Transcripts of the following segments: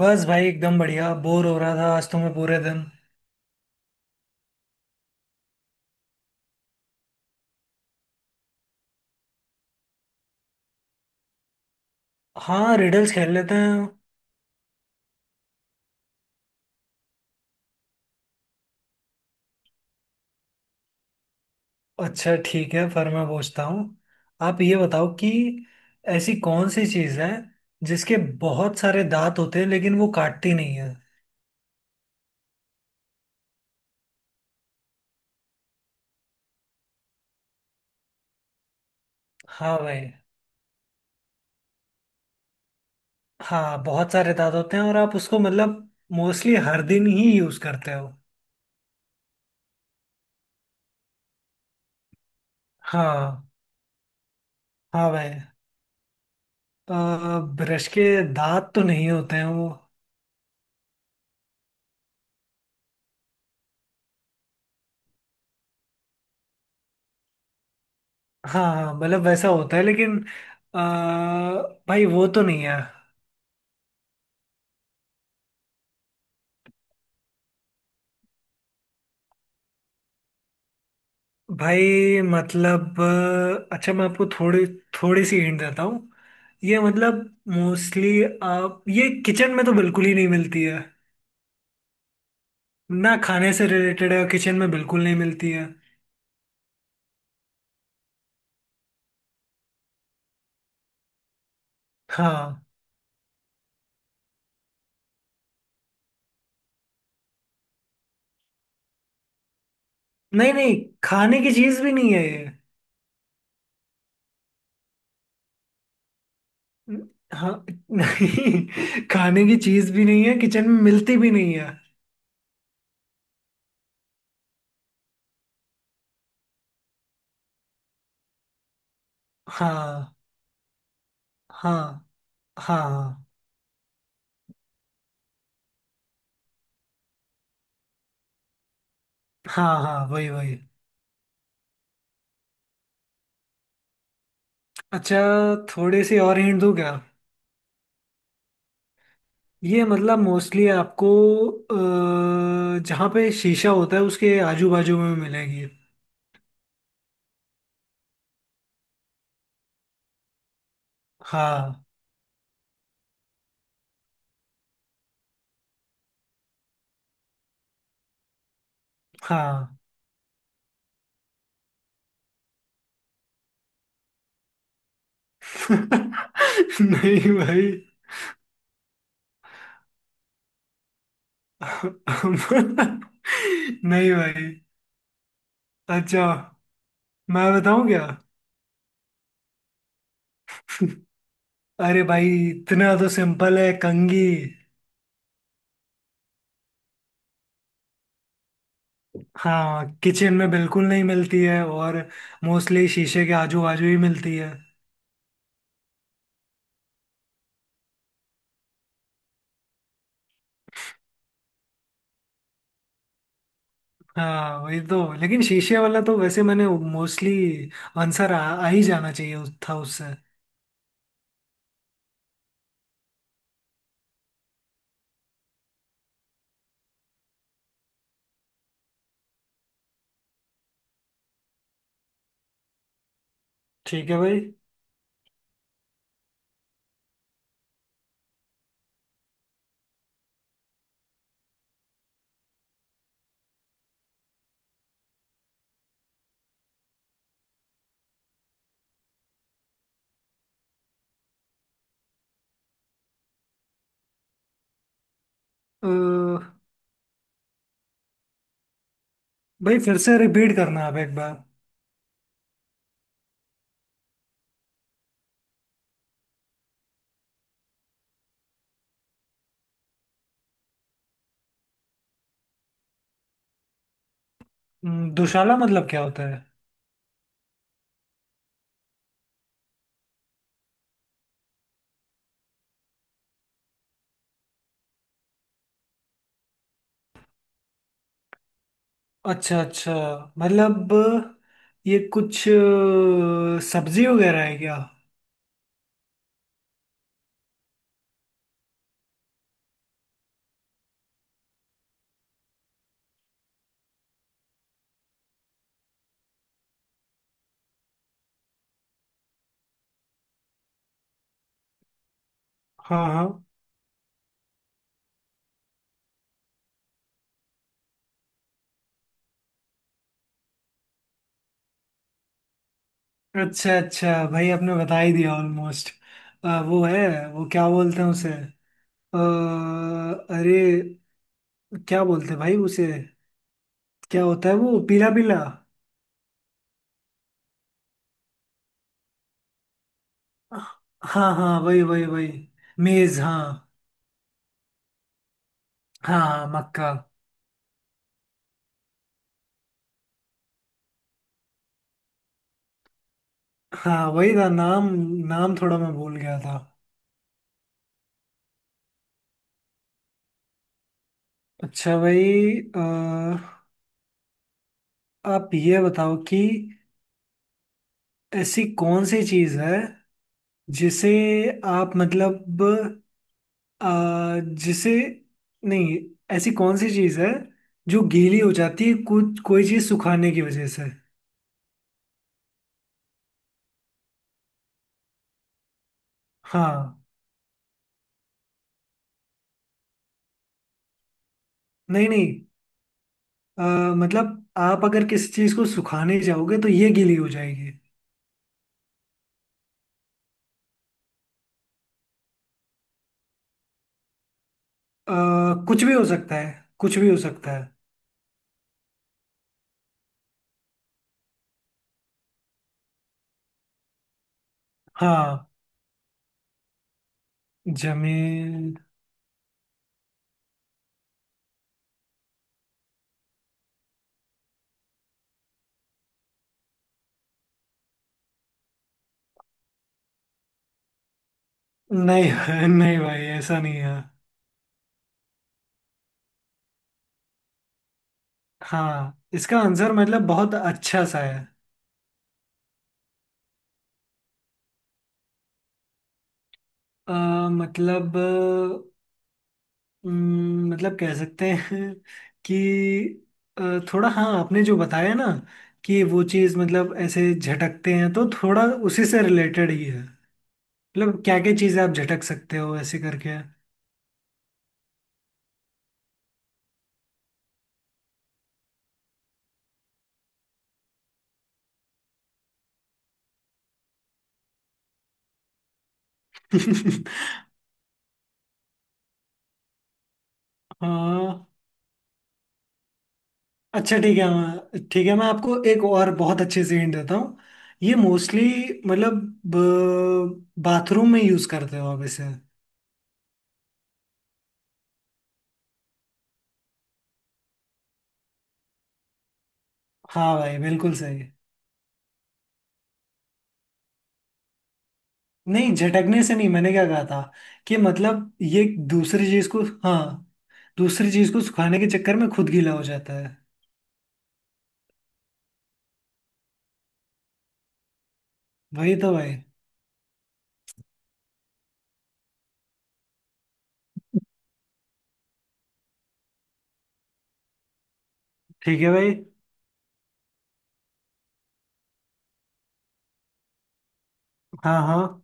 बस भाई एकदम बढ़िया बोर हो रहा था आज तो मैं पूरे दिन। हाँ, रिडल्स खेल लेते हैं। अच्छा ठीक है, फिर मैं पूछता हूँ। आप ये बताओ कि ऐसी कौन सी चीज़ है जिसके बहुत सारे दांत होते हैं लेकिन वो काटती नहीं है। हाँ भाई। हाँ, बहुत सारे दांत होते हैं और आप उसको मतलब मोस्टली हर दिन ही यूज़ करते हो। हाँ। हाँ भाई, ब्रश के दांत तो नहीं होते हैं वो। हाँ हाँ, मतलब वैसा होता है लेकिन अ, भाई वो तो नहीं है। भाई मतलब अच्छा मैं आपको थोड़ी थोड़ी सी हिंट देता हूँ। ये मतलब मोस्टली आप ये किचन में तो बिल्कुल ही नहीं मिलती है। ना खाने से रिलेटेड है और किचन में बिल्कुल नहीं मिलती है। हाँ। नहीं नहीं, खाने की चीज भी नहीं है ये। न- हाँ। नहीं, खाने की चीज भी नहीं है, किचन में मिलती भी नहीं है। हाँ हाँ हाँ हाँ हाँ हाँ, वही वही। अच्छा, थोड़ी सी और हिंट दूँ क्या? ये मतलब मोस्टली आपको जहाँ पे शीशा होता है उसके आजू बाजू में मिलेगी। हाँ। हाँ। नहीं भाई। नहीं भाई। अच्छा मैं बताऊं क्या? अरे भाई, इतना तो सिंपल है, कंघी। हाँ, किचन में बिल्कुल नहीं मिलती है और मोस्टली शीशे के आजू बाजू ही मिलती है। हाँ वही तो, लेकिन शीशे वाला तो वैसे मैंने मोस्टली आंसर आ ही जाना चाहिए था उससे। ठीक है भाई। अ, भाई फिर से रिपीट करना आप एक बार। दुशाला मतलब क्या होता है? अच्छा अच्छा। मतलब ये कुछ सब्जी वगैरह है क्या? हाँ हाँ। अच्छा, अच्छा भाई आपने बता ही दिया ऑलमोस्ट। वो है, वो क्या बोलते हैं उसे? अ, अरे, क्या बोलते हैं भाई उसे? क्या होता है वो, पीला पीला। हाँ हाँ, वही वही वही। मेज हाँ। हाँ हाँ, मक्का। हाँ वही था नाम, नाम थोड़ा मैं भूल गया था। अच्छा भाई, अ, आप ये बताओ कि ऐसी कौन सी चीज है जिसे आप मतलब अ, जिसे नहीं ऐसी कौन सी चीज है जो गीली हो जाती है कुछ कोई चीज सुखाने की वजह से। हाँ। नहीं नहीं, मतलब आप अगर किसी चीज को सुखाने जाओगे तो ये गीली हो जाएगी। अ, कुछ भी हो सकता है, कुछ भी हो सकता है। हाँ, जमीन। नहीं। नहीं भाई, ऐसा नहीं है। हाँ, इसका आंसर मतलब बहुत अच्छा सा है। अ, मतलब मतलब कह सकते हैं कि अ, थोड़ा हाँ आपने जो बताया ना कि वो चीज़ मतलब ऐसे झटकते हैं तो थोड़ा उसी से रिलेटेड ही है। मतलब क्या क्या चीज़ें आप झटक सकते हो ऐसे करके। हाँ, अच्छा ठीक है, मैं आपको एक और बहुत अच्छे से हिंट देता हूँ। ये मोस्टली मतलब बाथरूम में यूज करते हो आप इसे। हाँ भाई, बिल्कुल सही। नहीं, झटकने से नहीं, मैंने क्या कहा था कि मतलब ये दूसरी चीज को। हाँ, दूसरी चीज को सुखाने के चक्कर में खुद गीला हो जाता है। वही तो भाई। ठीक है भाई। हाँ हाँ।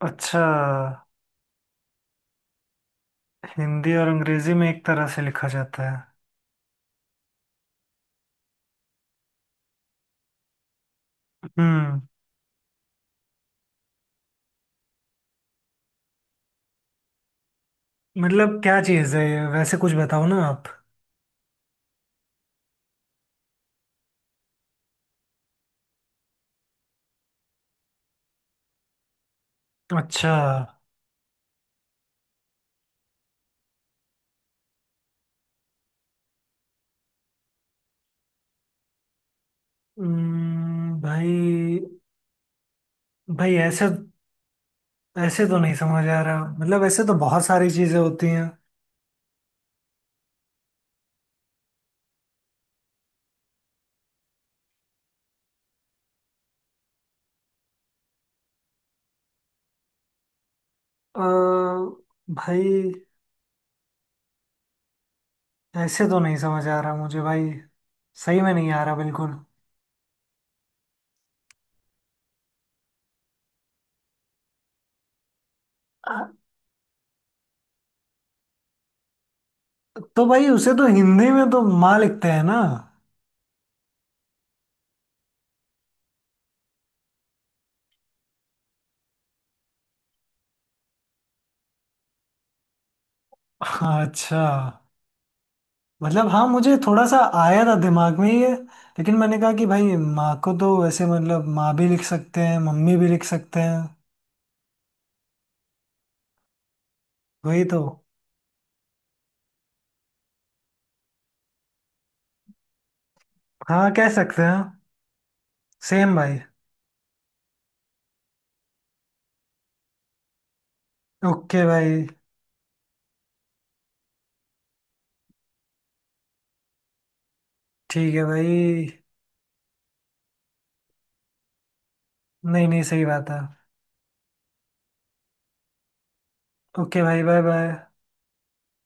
अच्छा, हिंदी और अंग्रेजी में एक तरह से लिखा जाता है। हम्म। मतलब क्या चीज है ये, वैसे कुछ बताओ ना आप। अच्छा। भाई। भाई ऐसे, ऐसे तो नहीं समझ आ रहा, मतलब ऐसे तो बहुत सारी चीजें होती हैं। अ, भाई ऐसे तो नहीं समझ आ रहा मुझे भाई, सही में नहीं आ रहा बिल्कुल। अ, तो भाई उसे तो हिंदी में तो माँ लिखते हैं ना। हाँ, अच्छा। मतलब हाँ, मुझे थोड़ा सा आया था दिमाग में ये, लेकिन मैंने कहा कि भाई माँ को तो वैसे मतलब माँ भी लिख सकते हैं, मम्मी भी लिख सकते हैं। वही तो। हाँ, कह सकते हैं। सेम भाई। ओके भाई। ठीक है भाई। नहीं नहीं, सही बात है। ओके भाई, बाय बाय।